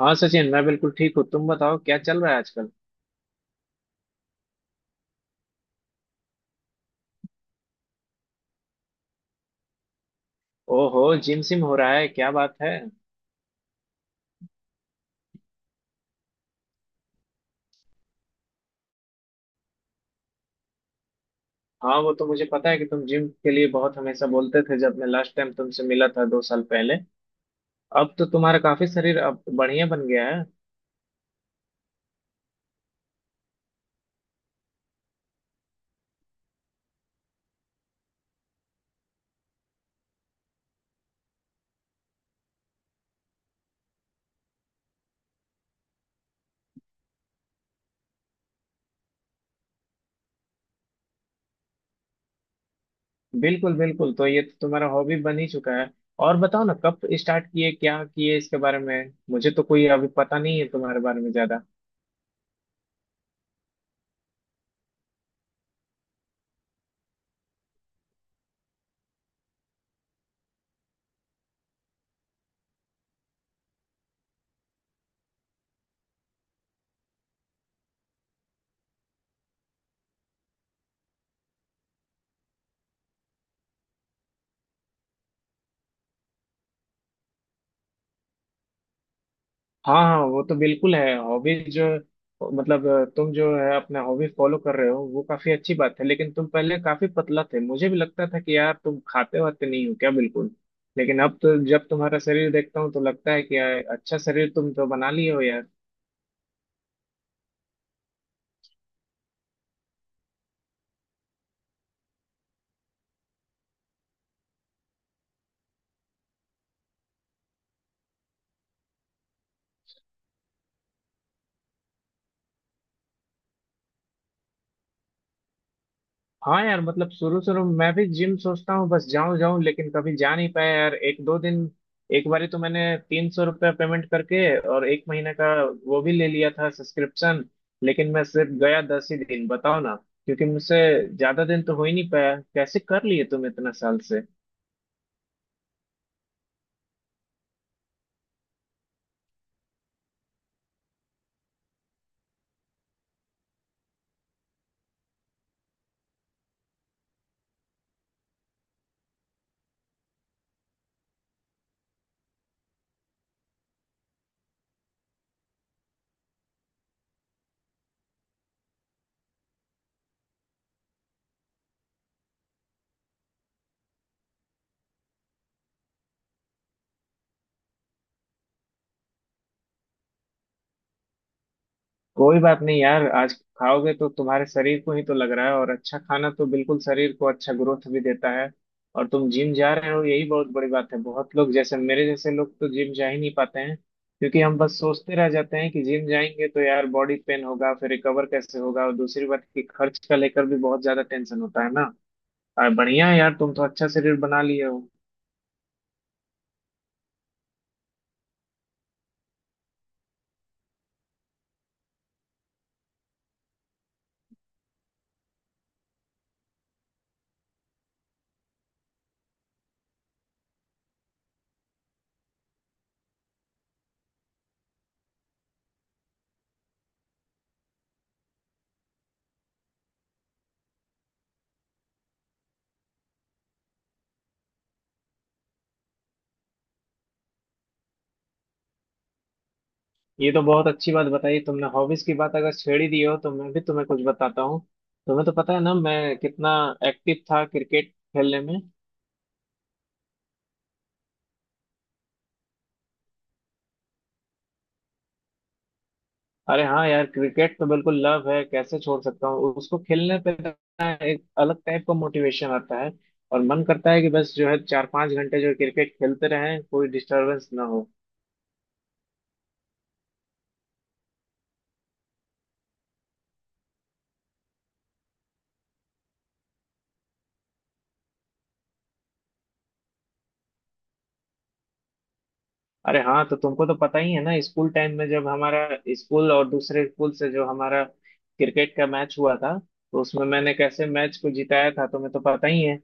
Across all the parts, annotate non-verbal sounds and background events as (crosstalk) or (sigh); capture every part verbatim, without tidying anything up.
हाँ सचिन, मैं बिल्कुल ठीक हूँ। तुम बताओ क्या चल रहा है आजकल। ओहो, जिम सिम हो रहा है, क्या बात है। हाँ, वो तो मुझे पता है कि तुम जिम के लिए बहुत हमेशा बोलते थे, जब मैं लास्ट टाइम तुमसे मिला था दो साल पहले। अब तो तुम्हारा काफी शरीर अब बढ़िया बन गया है। बिल्कुल बिल्कुल, तो ये तो तुम्हारा हॉबी बन ही चुका है। और बताओ ना, कब स्टार्ट किए, क्या किए, इसके बारे में मुझे तो कोई अभी पता नहीं है तुम्हारे बारे में ज्यादा। हाँ हाँ, वो तो बिल्कुल है। हॉबीज जो मतलब तुम जो है अपना हॉबी फॉलो कर रहे हो, वो काफी अच्छी बात है। लेकिन तुम पहले काफी पतला थे, मुझे भी लगता था कि यार तुम खाते वाते नहीं हो क्या, बिल्कुल। लेकिन अब तो जब तुम्हारा शरीर देखता हूँ तो लगता है कि यार अच्छा शरीर तुम तो बना लिए हो। हाँ यार, मतलब शुरू शुरू में मैं भी जिम सोचता हूँ, बस जाऊं जाऊं, लेकिन कभी जा नहीं पाया यार, एक दो दिन। एक बारी तो मैंने तीन सौ रुपया पेमेंट करके, और एक महीने का वो भी ले लिया था सब्सक्रिप्शन। लेकिन मैं सिर्फ गया दस ही दिन, बताओ ना। क्योंकि मुझसे ज्यादा दिन तो हो ही नहीं पाया। कैसे कर लिए तुम इतना साल से। कोई बात नहीं यार, आज खाओगे तो तुम्हारे शरीर को ही तो लग रहा है, और अच्छा खाना तो बिल्कुल शरीर को अच्छा ग्रोथ भी देता है। और तुम जिम जा रहे हो, यही बहुत बड़ी बात है। बहुत लोग, जैसे मेरे जैसे लोग तो जिम जा ही नहीं पाते हैं, क्योंकि हम बस सोचते रह जाते हैं कि जिम जाएंगे तो यार बॉडी पेन होगा, फिर रिकवर कैसे होगा, और दूसरी बात कि खर्च का लेकर भी बहुत ज्यादा टेंशन होता है ना। और बढ़िया है यार, तुम तो अच्छा शरीर बना लिए हो। ये तो बहुत अच्छी बात बताई तुमने। हॉबीज की बात अगर छेड़ ही दी हो तो मैं भी तुम्हें कुछ बताता हूँ। तुम्हें तो पता है ना मैं कितना एक्टिव था क्रिकेट खेलने में। अरे हाँ यार, क्रिकेट तो बिल्कुल लव है, कैसे छोड़ सकता हूँ उसको। खेलने पे ना एक अलग टाइप का मोटिवेशन आता है, और मन करता है कि बस जो है चार पांच घंटे जो क्रिकेट खेलते रहें, कोई डिस्टरबेंस ना हो। अरे हाँ, तो तुमको तो पता ही है ना स्कूल टाइम में, जब हमारा स्कूल और दूसरे स्कूल से जो हमारा क्रिकेट का मैच हुआ था, तो उसमें मैंने कैसे मैच को जिताया था तुम्हें तो पता ही है।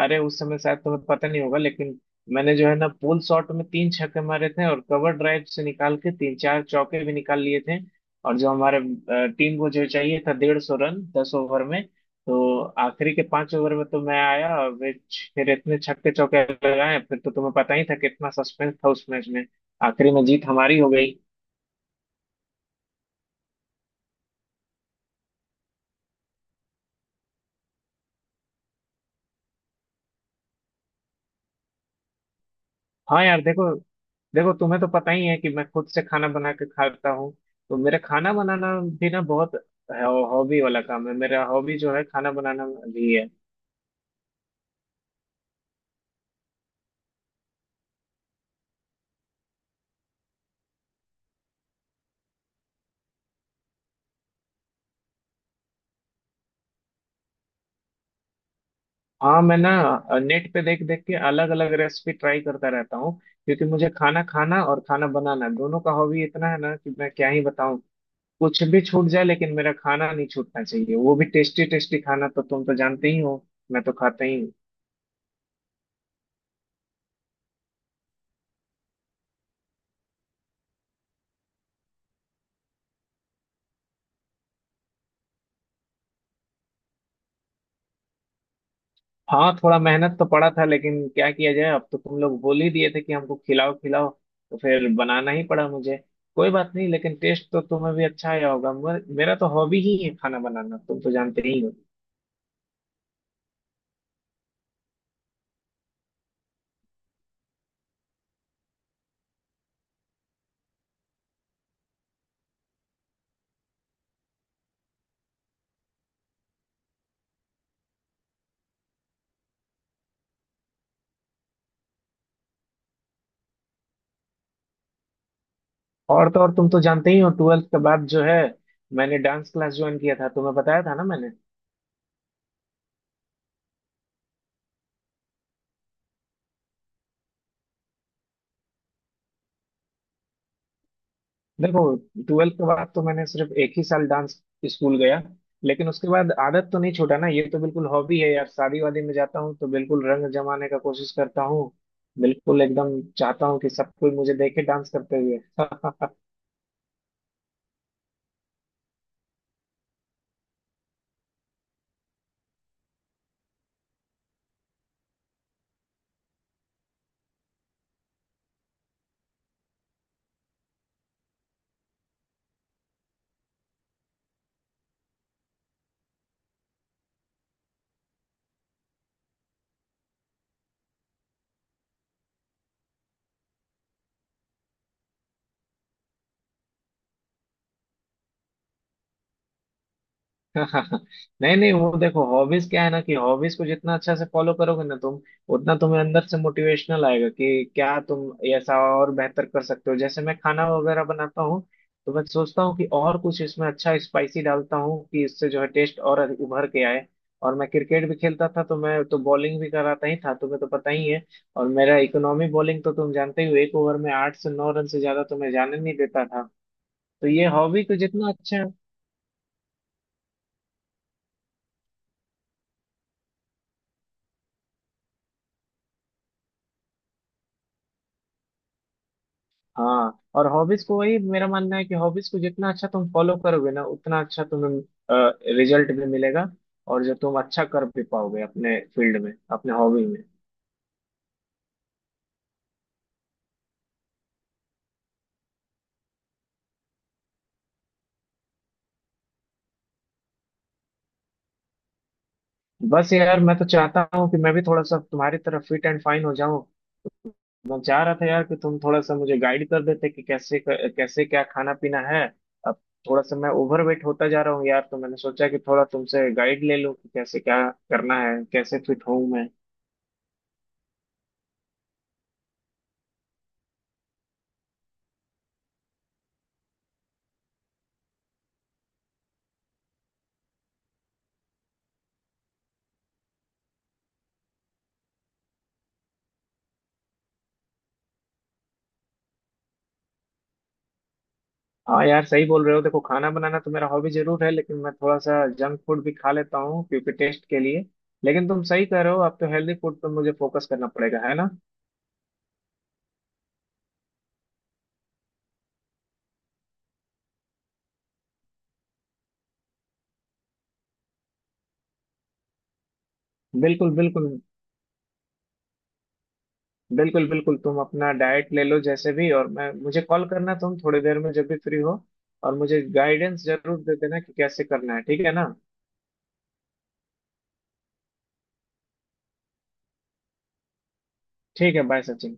अरे उस समय शायद तुम्हें पता नहीं होगा, लेकिन मैंने जो है ना पुल शॉट में तीन छक्के मारे थे, और कवर ड्राइव से निकाल के तीन चार चौके भी निकाल लिए थे। और जो हमारे अ, टीम को जो चाहिए था डेढ़ सौ रन दस ओवर में, तो आखिरी के पांच ओवर में तो मैं आया और वे छ- फिर इतने छक्के चौके लगाए, फिर तो तुम्हें पता ही था कितना सस्पेंस था उस मैच में। आखिरी में जीत हमारी हो गई। हाँ यार देखो, देखो तुम्हें तो पता ही है कि मैं खुद से खाना बना के खाता हूँ। तो मेरा खाना बनाना भी ना, बहुत हॉबी वाला काम है। मेरा हॉबी जो है खाना बनाना भी है। हाँ मैं ना नेट पे देख देख के अलग अलग रेसिपी ट्राई करता रहता हूँ। क्योंकि मुझे खाना खाना और खाना बनाना दोनों का हॉबी इतना है ना कि मैं क्या ही बताऊँ। कुछ भी छूट जाए लेकिन मेरा खाना नहीं छूटना चाहिए, वो भी टेस्टी टेस्टी खाना, तो तुम तो जानते ही हो, मैं तो खाता ही हूँ। हाँ, थोड़ा मेहनत तो पड़ा था, लेकिन क्या किया जाए, अब तो तुम लोग बोल ही दिए थे कि हमको खिलाओ खिलाओ, तो फिर बनाना ही पड़ा मुझे। कोई बात नहीं, लेकिन टेस्ट तो तुम्हें भी अच्छा आया होगा। मे- मेरा तो हॉबी ही है खाना बनाना, तुम तो जानते ही हो। और तो और, तुम तो जानते ही हो ट्वेल्थ के बाद जो है मैंने डांस क्लास ज्वाइन किया था, तुम्हें बताया था ना मैंने। देखो, ट्वेल्थ के बाद तो मैंने सिर्फ एक ही साल डांस स्कूल गया, लेकिन उसके बाद आदत तो नहीं छोड़ा ना। ये तो बिल्कुल हॉबी है यार, शादी वादी में जाता हूँ तो बिल्कुल रंग जमाने का कोशिश करता हूँ। बिल्कुल एकदम चाहता हूँ कि सब कोई मुझे देखे डांस करते हुए (laughs) (laughs) नहीं नहीं, वो देखो हॉबीज क्या है ना, कि हॉबीज को जितना अच्छा से फॉलो करोगे ना तुम, उतना तुम्हें अंदर से मोटिवेशनल आएगा कि क्या तुम ऐसा और बेहतर कर सकते हो। जैसे मैं खाना वगैरह बनाता हूँ, तो मैं सोचता हूँ कि और कुछ इसमें अच्छा स्पाइसी डालता हूँ कि इससे जो है टेस्ट और उभर के आए। और मैं क्रिकेट भी खेलता था, तो मैं तो बॉलिंग भी कराता ही था, तुम्हें तो पता ही है। और मेरा इकोनॉमी बॉलिंग तो तुम जानते ही हो, एक ओवर में आठ से नौ रन से ज्यादा तो मैं जाने नहीं देता था। तो ये हॉबी तो जितना अच्छा। हाँ, और हॉबीज को, वही मेरा मानना है कि हॉबीज को जितना अच्छा तुम फॉलो करोगे ना, उतना अच्छा तुम्हें रिजल्ट भी मिलेगा, और जो तुम अच्छा कर भी पाओगे अपने फील्ड में अपने हॉबी में। बस यार, मैं तो चाहता हूँ कि मैं भी थोड़ा सा तुम्हारी तरह फिट एंड फाइन हो जाऊँ। मैं चाह रहा था यार कि तुम थोड़ा सा मुझे गाइड कर देते कि कैसे कैसे क्या खाना पीना है। अब थोड़ा सा मैं ओवरवेट होता जा रहा हूँ यार, तो मैंने सोचा कि थोड़ा तुमसे गाइड ले लूँ कि कैसे क्या करना है, कैसे फिट हूँ मैं। हाँ यार, सही बोल रहे हो। देखो खाना बनाना तो मेरा हॉबी जरूर है, लेकिन मैं थोड़ा सा जंक फूड भी खा लेता हूँ, क्योंकि टेस्ट के लिए। लेकिन तुम सही कह रहे हो, अब तो हेल्दी फूड पर मुझे फोकस करना पड़ेगा है ना। बिल्कुल बिल्कुल। बिल्कुल बिल्कुल, तुम अपना डाइट ले लो जैसे भी, और मैं, मुझे कॉल करना तुम थोड़ी देर में जब भी फ्री हो। और मुझे गाइडेंस जरूर दे देना कि कैसे करना है, ठीक है ना। ठीक है बाय सचिन।